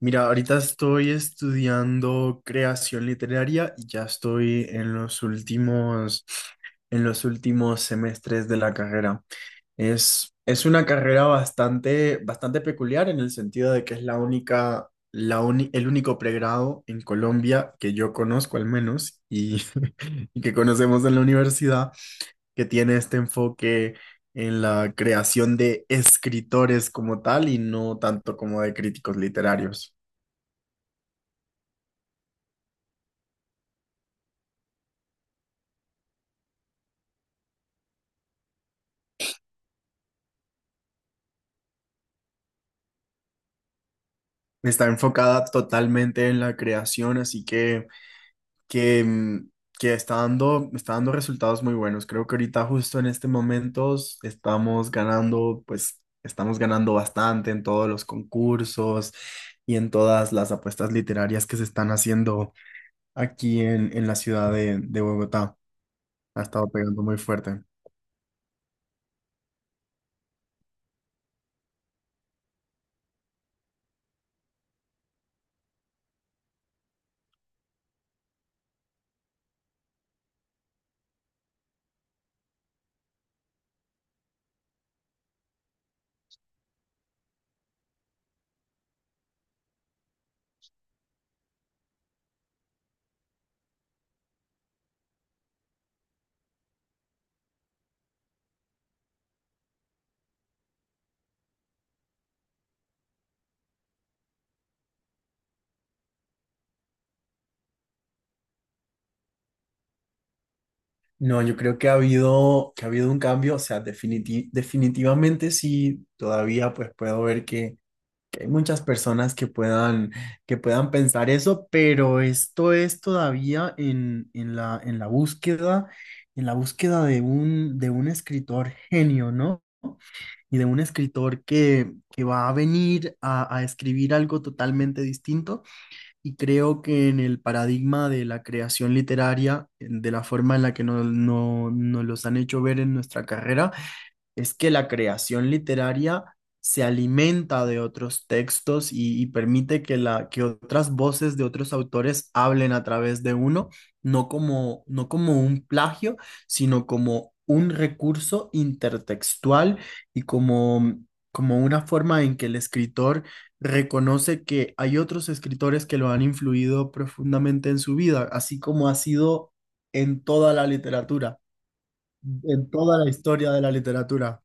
Mira, ahorita estoy estudiando creación literaria y ya estoy en los últimos semestres de la carrera. Es una carrera bastante peculiar en el sentido de que es la única, la uni- el único pregrado en Colombia que yo conozco al menos, y, y que conocemos en la universidad que tiene este enfoque en la creación de escritores como tal y no tanto como de críticos literarios. Está enfocada totalmente en la creación, así que está dando resultados muy buenos. Creo que ahorita justo en este momento estamos ganando, pues estamos ganando bastante en todos los concursos y en todas las apuestas literarias que se están haciendo aquí en la ciudad de Bogotá. Ha estado pegando muy fuerte. No, yo creo que ha habido un cambio, o sea, definitivamente sí. Todavía pues puedo ver que hay muchas personas que puedan pensar eso, pero esto es todavía en la búsqueda de un escritor genio, ¿no? Y de un escritor que va a venir a escribir algo totalmente distinto. Y creo que en el paradigma de la creación literaria, de la forma en la que nos, no- nos los han hecho ver en nuestra carrera, es que la creación literaria se alimenta de otros textos y permite que, que otras voces de otros autores hablen a través de uno, no como un plagio, sino como un recurso intertextual y como, como una forma en que el escritor reconoce que hay otros escritores que lo han influido profundamente en su vida, así como ha sido en toda la literatura, en toda la historia de la literatura.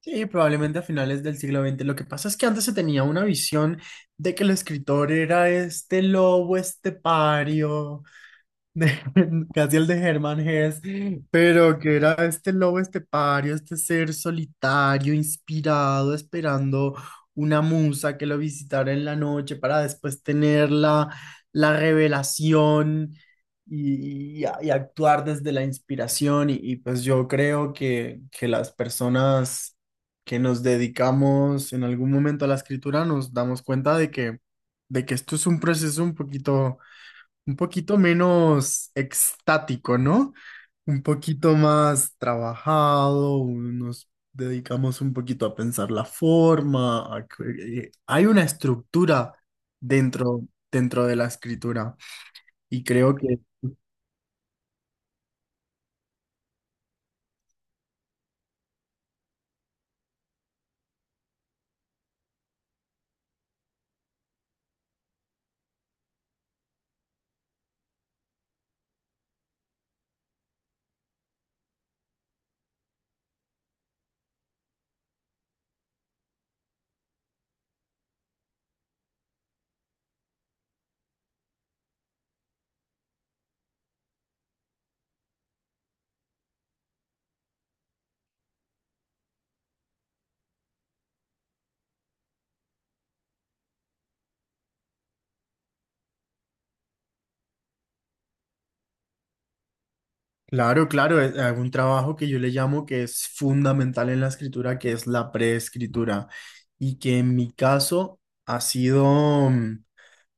Sí, probablemente a finales del siglo veinte. Lo que pasa es que antes se tenía una visión de que el escritor era este lobo estepario de- casi el de Herman Hesse, pero que era este lobo estepario, este ser solitario, inspirado, esperando una musa que lo visitara en la noche para después tener la revelación y, y actuar desde la inspiración. Y y pues yo creo que las personas que nos dedicamos en algún momento a la escritura nos damos cuenta de que esto es un proceso un poquito menos extático, ¿no? Un poquito más trabajado. Nos dedicamos un poquito a pensar la forma, hay una estructura dentro, dentro de la escritura y creo que, claro, claro, es hay un trabajo que yo le llamo que es fundamental en la escritura, que es la preescritura y que en mi caso ha sido... mm,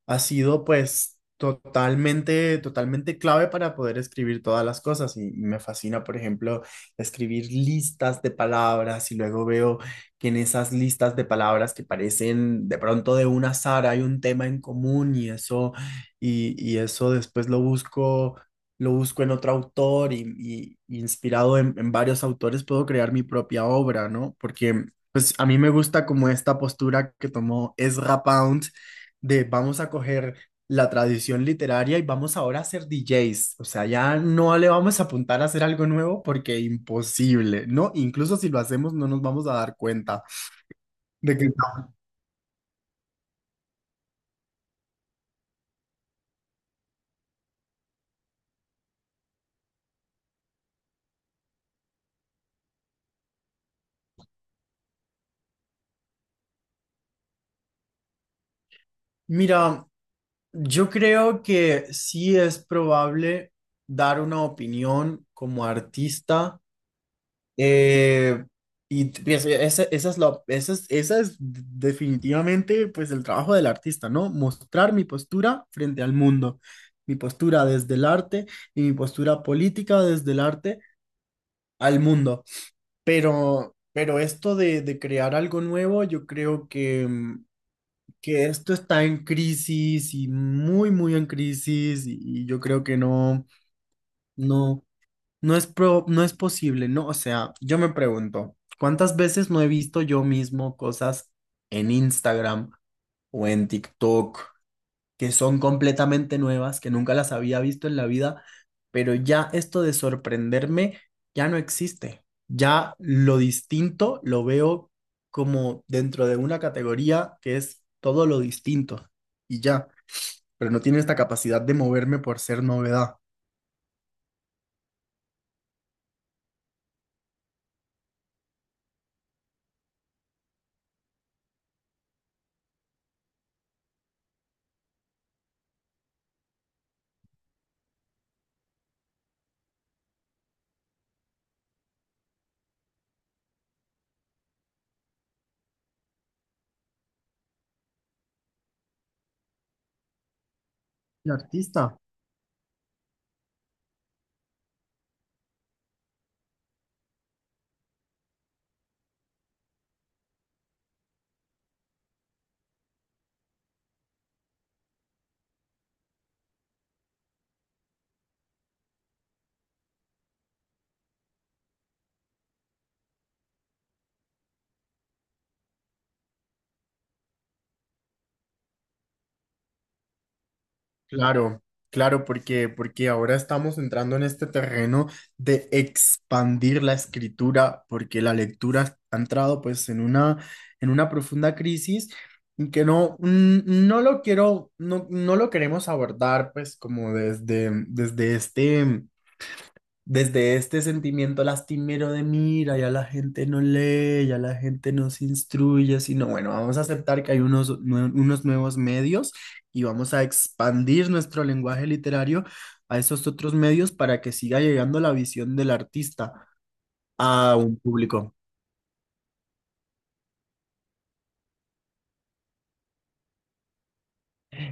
ha sido pues totalmente clave para poder escribir todas las cosas y me fascina, por ejemplo, escribir listas de palabras y luego veo que en esas listas de palabras que parecen de pronto de un azar hay un tema en común y eso, y eso después lo busco. Lo busco en otro autor y, y inspirado en varios autores puedo crear mi propia obra, ¿no? Porque pues a mí me gusta como esta postura que tomó Ezra Pound de vamos a coger la tradición literaria y vamos ahora a ser DJs. O sea, ya no le vamos a apuntar a hacer algo nuevo porque imposible, ¿no? Incluso si lo hacemos no nos vamos a dar cuenta de que no. Mira, yo creo que sí es probable dar una opinión como artista. Eh, y pues, esa, esa es la, esa es definitivamente pues el trabajo del artista, ¿no? Mostrar mi postura frente al mundo, mi postura desde el arte y mi postura política desde el arte al mundo. Pero esto de crear algo nuevo, yo creo que que esto está en crisis y muy en crisis, y yo creo que no. No es posible, ¿no? O sea, yo me pregunto, ¿cuántas veces no he visto yo mismo cosas en Instagram o en TikTok que son completamente nuevas, que nunca las había visto en la vida, pero ya esto de sorprenderme ya no existe. Ya lo distinto lo veo como dentro de una categoría que es todo lo distinto y ya, pero no tiene esta capacidad de moverme por ser novedad. Un artista. Claro, claro, porque ahora estamos entrando en este terreno de expandir la escritura, porque la lectura ha entrado pues en una profunda crisis y que no lo queremos abordar pues como desde este sentimiento lastimero de mira, ya la gente no lee, ya la gente no se instruye, sino bueno, vamos a aceptar que hay unos, unos nuevos medios y vamos a expandir nuestro lenguaje literario a esos otros medios para que siga llegando la visión del artista a un público.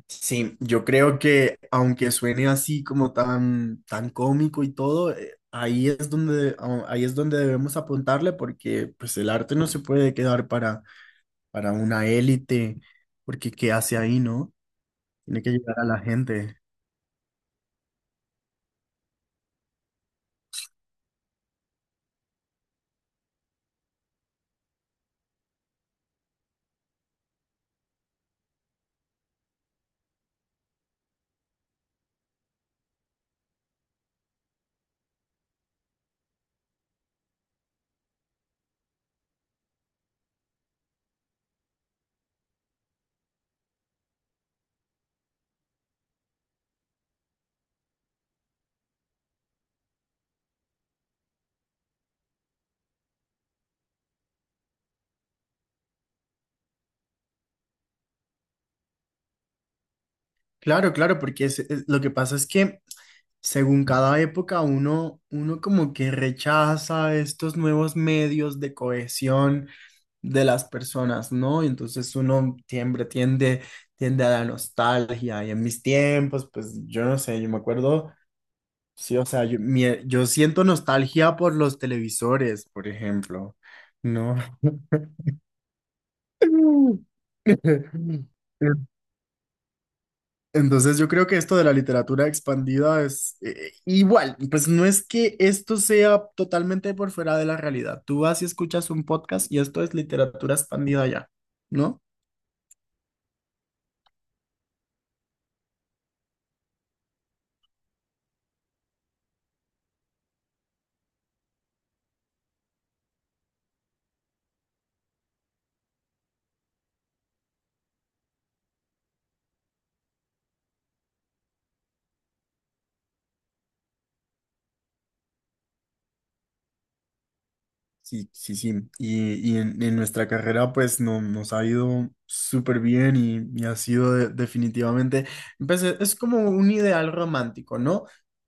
Sí, yo creo que aunque suene así como tan cómico y todo, ahí es donde, ahí es donde debemos apuntarle porque pues el arte no se puede quedar para una élite, porque ¿qué hace ahí, no? Tiene que llegar a la gente. Claro, claro, porque lo que pasa es que según cada época uno como que rechaza estos nuevos medios de cohesión de las personas, ¿no? Y entonces uno siempre tiende a la nostalgia. Y en mis tiempos, pues yo no sé, yo me acuerdo, sí, o sea, yo, yo siento nostalgia por los televisores, por ejemplo, ¿no? Entonces yo creo que esto de la literatura expandida es igual, pues no es que esto sea totalmente por fuera de la realidad. Tú vas y escuchas un podcast y esto es literatura expandida ya, ¿no? Sí, sí, sí. Y, en nuestra carrera pues no, nos ha ido súper bien y ha sido definitivamente, pues, es como un ideal romántico, ¿no?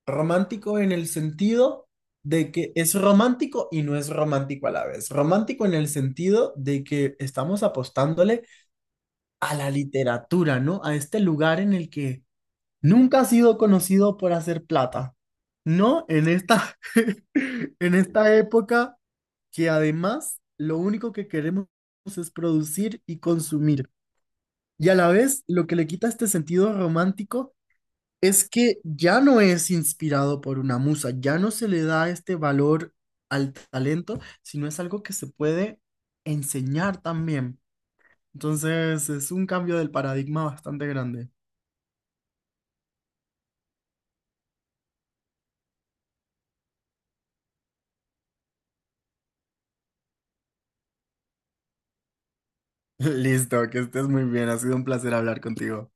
Romántico en el sentido de que es romántico y no es romántico a la vez. Romántico en el sentido de que estamos apostándole a la literatura, ¿no? A este lugar en el que nunca ha sido conocido por hacer plata, ¿no? En esta, en esta época que además lo único que queremos es producir y consumir. Y a la vez, lo que le quita este sentido romántico es que ya no es inspirado por una musa, ya no se le da este valor al talento, sino es algo que se puede enseñar también. Entonces, es un cambio del paradigma bastante grande. Listo, que estés muy bien, ha sido un placer hablar contigo.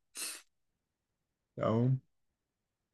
Chao.